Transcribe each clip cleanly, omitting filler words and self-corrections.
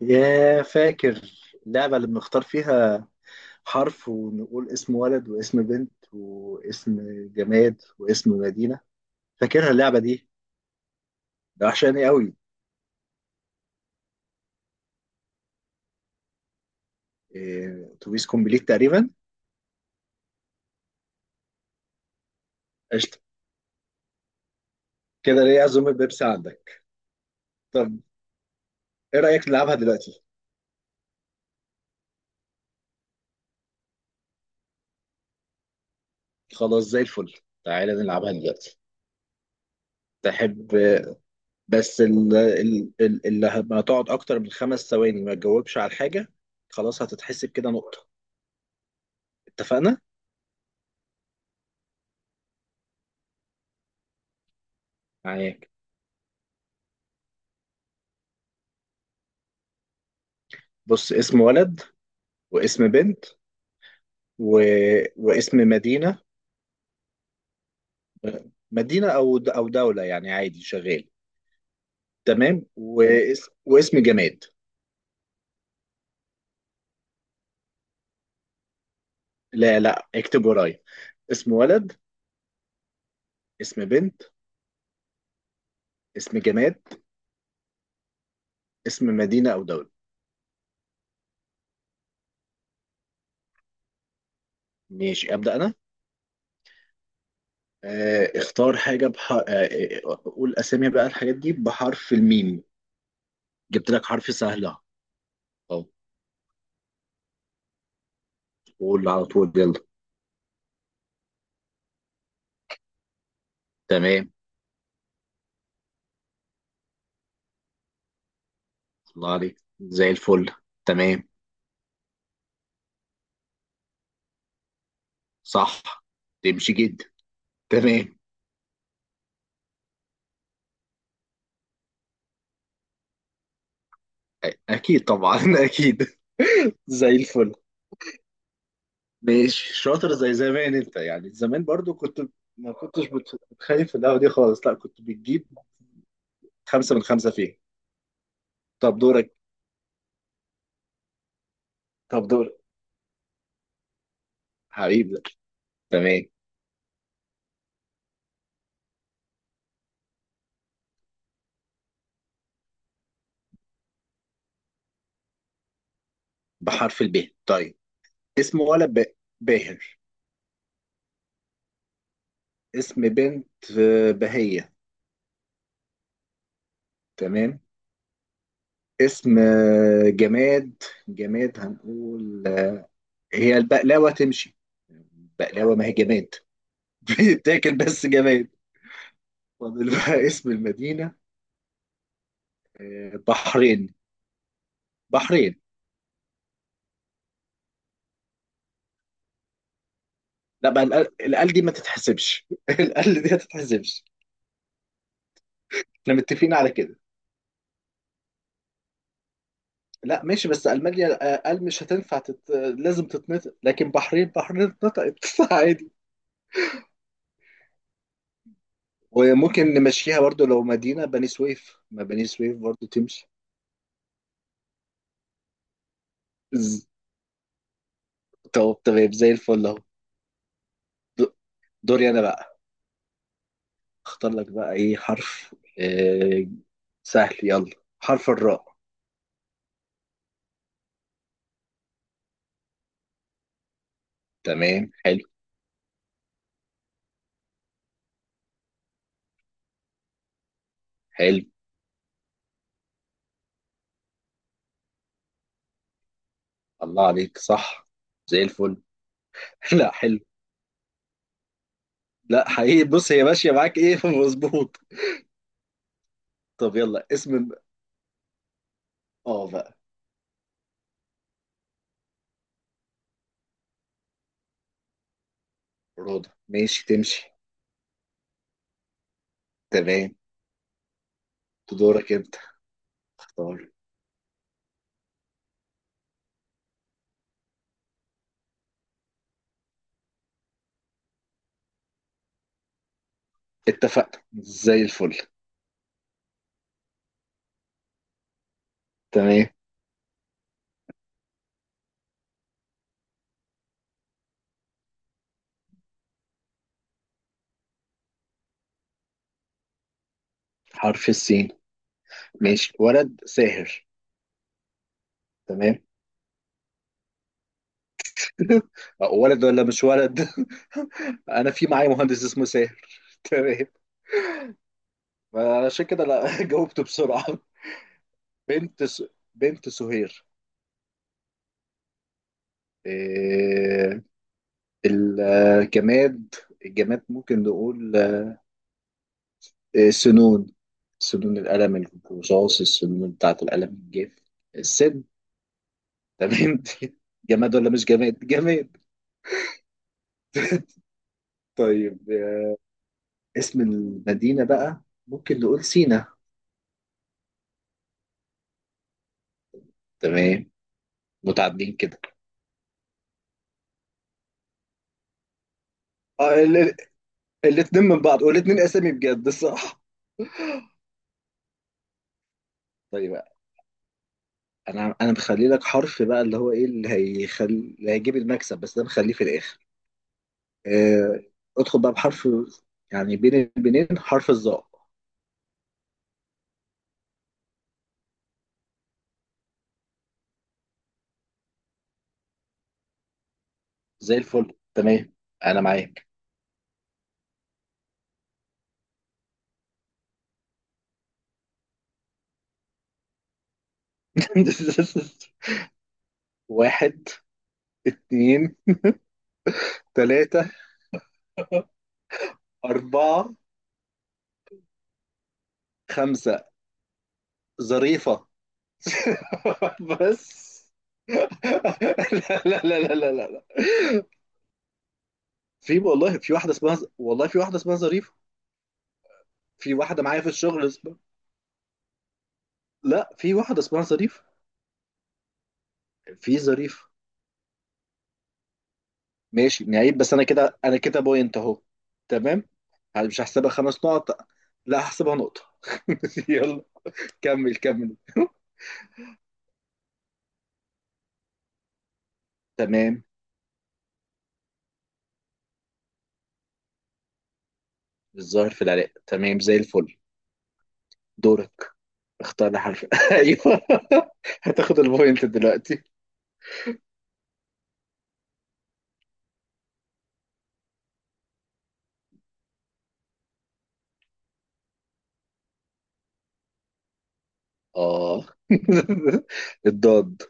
يا فاكر اللعبة اللي بنختار فيها حرف ونقول اسم ولد واسم بنت واسم جماد واسم مدينة. فاكرها اللعبة دي؟ ده وحشاني قوي. إيه، اتوبيس كومبليت تقريبا. قشطة. كده ليه عزومة بيبسي عندك؟ طب ايه رأيك نلعبها دلوقتي؟ خلاص زي الفل. تعالى نلعبها دلوقتي. تحب؟ بس اللي هتقعد اكتر من 5 ثواني ما تجاوبش على حاجة، خلاص هتتحسب كده نقطة. اتفقنا؟ معاك. بص، اسم ولد واسم بنت و... واسم مدينة. مدينة أو أو دولة، يعني عادي شغال. تمام، واسم جماد. لا لا، اكتب ورايا. اسم ولد. اسم بنت. اسم جماد. اسم مدينة أو دولة. ماشي، أبدأ أنا. آه اختار حاجة بح... آه آه، قول أسامي بقى الحاجات دي بحرف الميم. جبت لك حرف سهل أهو. طب قول على طول، يلا. تمام. الله عليك، زي الفل. تمام. صح، تمشي جدا. تمام. اكيد طبعا اكيد. زي الفل. مش شاطر زي زمان انت، يعني زمان برضو كنت ما كنتش بتخايف في القهوة دي خالص، لا كنت بتجيب 5 من 5 فيها. طب دورك. طب دورك حبيبي. تمام. بحرف الب، طيب. اسم ولد باهر. اسم بنت بهية. تمام. اسم جماد. جماد هنقول هي البقلاوة تمشي؟ بقلاوة ما هي جماد. بتاكل بس جماد. فاضل بقى اسم المدينة. بحرين. بحرين. لا بقى، القل القل دي ما تتحسبش. القل دي ما تتحسبش. احنا متفقين على كده. لا ماشي، بس ألمانيا قل مش هتنفع تت... لازم تتنطق. لكن بحرين، بحرين اتنطقت عادي. وممكن نمشيها برضو لو مدينة بني سويف، ما بني سويف برضو تمشي. ز- طب تمام زي الفل اهو. د- دوري انا بقى. اختار لك بقى ايه حرف. آه، سهل، يلا حرف الراء. تمام، حلو. حلو. الله عليك، صح. زي الفل. لا حلو. لا حقيقي، بص، هي ماشية معاك ايه، مظبوط. طب يلا اسم. اه بقى. رضا ماشي، تمشي. تمام. دورك انت. اختار. اتفقنا، زي الفل. تمام. حرف السين. ماشي، ولد ساهر. تمام ولد ولا مش ولد؟ انا في معايا مهندس اسمه ساهر تمام، عشان كده. لا جاوبته بسرعة. بنت س... بنت سهير. آه، الجماد. الجماد ممكن نقول سنون. سنون القلم، الرصاص، السنون بتاعة القلم الجاف، السن. تمام. جماد ولا مش جماد؟ جماد. طيب، اسم المدينة بقى. ممكن نقول سينا. تمام، متعدين كده. اه، الاثنين من بعض، والاثنين اسامي بجد صح. طيب، انا مخلي لك حرف بقى اللي هو ايه، اللي هيخلي اللي هيجيب المكسب، بس ده مخليه في الاخر. آه، ادخل بقى بحرف، يعني بين البنين حرف الظاء. زي الفل. تمام، انا معاك. واحد، اتنين، تلاتة، أربعة، خمسة. ظريفة. بس. لا لا لا لا لا لا، في والله، في واحدة اسمها، والله في واحدة اسمها ظريفة. في واحدة معايا في الشغل اسمها. لا، في واحدة اسمها ظريفة. في ظريفة. ماشي نعيب، بس انا كده انا كده بوينت اهو. تمام. مش هحسبها 5 نقط. لا، هحسبها نقطة. يلا، كمل كمل تمام. الظاهر في العراق، تمام زي الفل. دورك. اختار لي حرف ايوه. هتاخد البوينت دلوقتي. اه الضاد.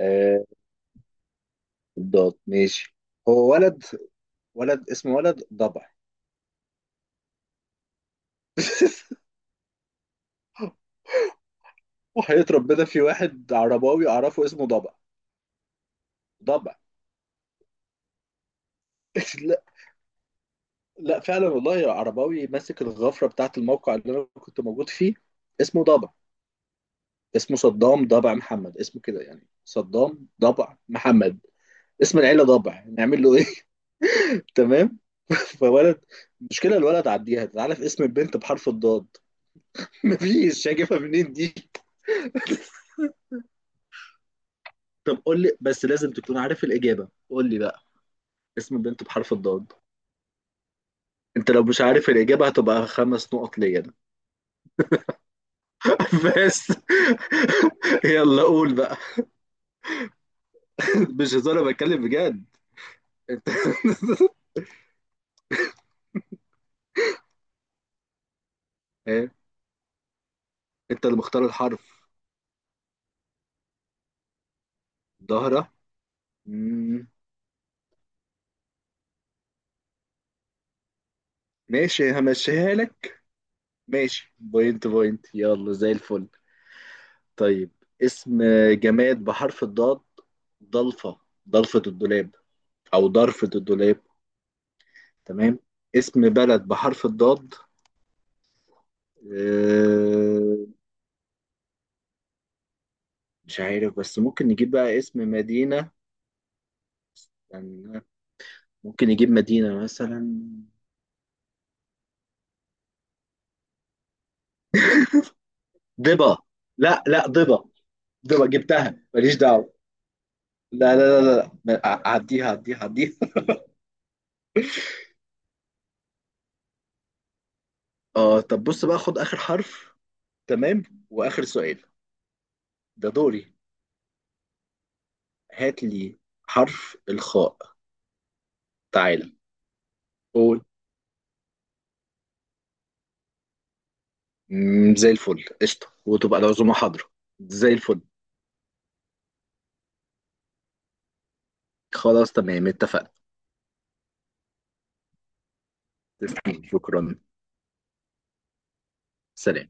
آه الضاد، ماشي. هو ولد اسمه ولد ضبع. وحياة ربنا، في واحد عرباوي اعرفه اسمه ضبع. ضبع. لا فعلا والله، عرباوي ماسك الغفرة بتاعة الموقع اللي أنا كنت موجود فيه، اسمه ضبع. اسمه صدام ضبع محمد، اسمه كده، يعني صدام ضبع محمد. اسم العيلة ضبع، نعمل له إيه؟ تمام. فولد. مشكلة الولد عديها، تعالى في اسم البنت بحرف الضاد. مفيش، شايفها منين دي؟ طب قول لي، بس لازم تكون عارف الإجابة. قول لي بقى اسم البنت بحرف الضاد. انت لو مش عارف الإجابة هتبقى 5 نقط ليا أنا. بس. يلا، قول بقى. مش هزار، أنا بتكلم بجد انت. إيه؟ انت اللي مختار الحرف. ظهره. مم. ماشي همشيها لك. ماشي، بوينت بوينت، يلا زي الفل. طيب اسم جماد بحرف الضاد، ضلفة. ضلفة الدولاب أو ضرفة الدولاب. تمام. اسم بلد بحرف الضاد، آه، مش عارف. بس ممكن نجيب بقى اسم مدينة يعني، ممكن نجيب مدينة مثلا. ضبا. لا لا ضبا. ضبا جبتها، ماليش دعوة. لا لا لا لا، عديها عديها عديها اه طب بص بقى، خد اخر حرف. تمام. واخر سؤال، ده دوري. هات لي حرف الخاء. تعالى قول. زي الفل قشطه، وتبقى العزومه حاضره. زي الفل. خلاص، تمام اتفقنا. تسلم، شكرا. سلام.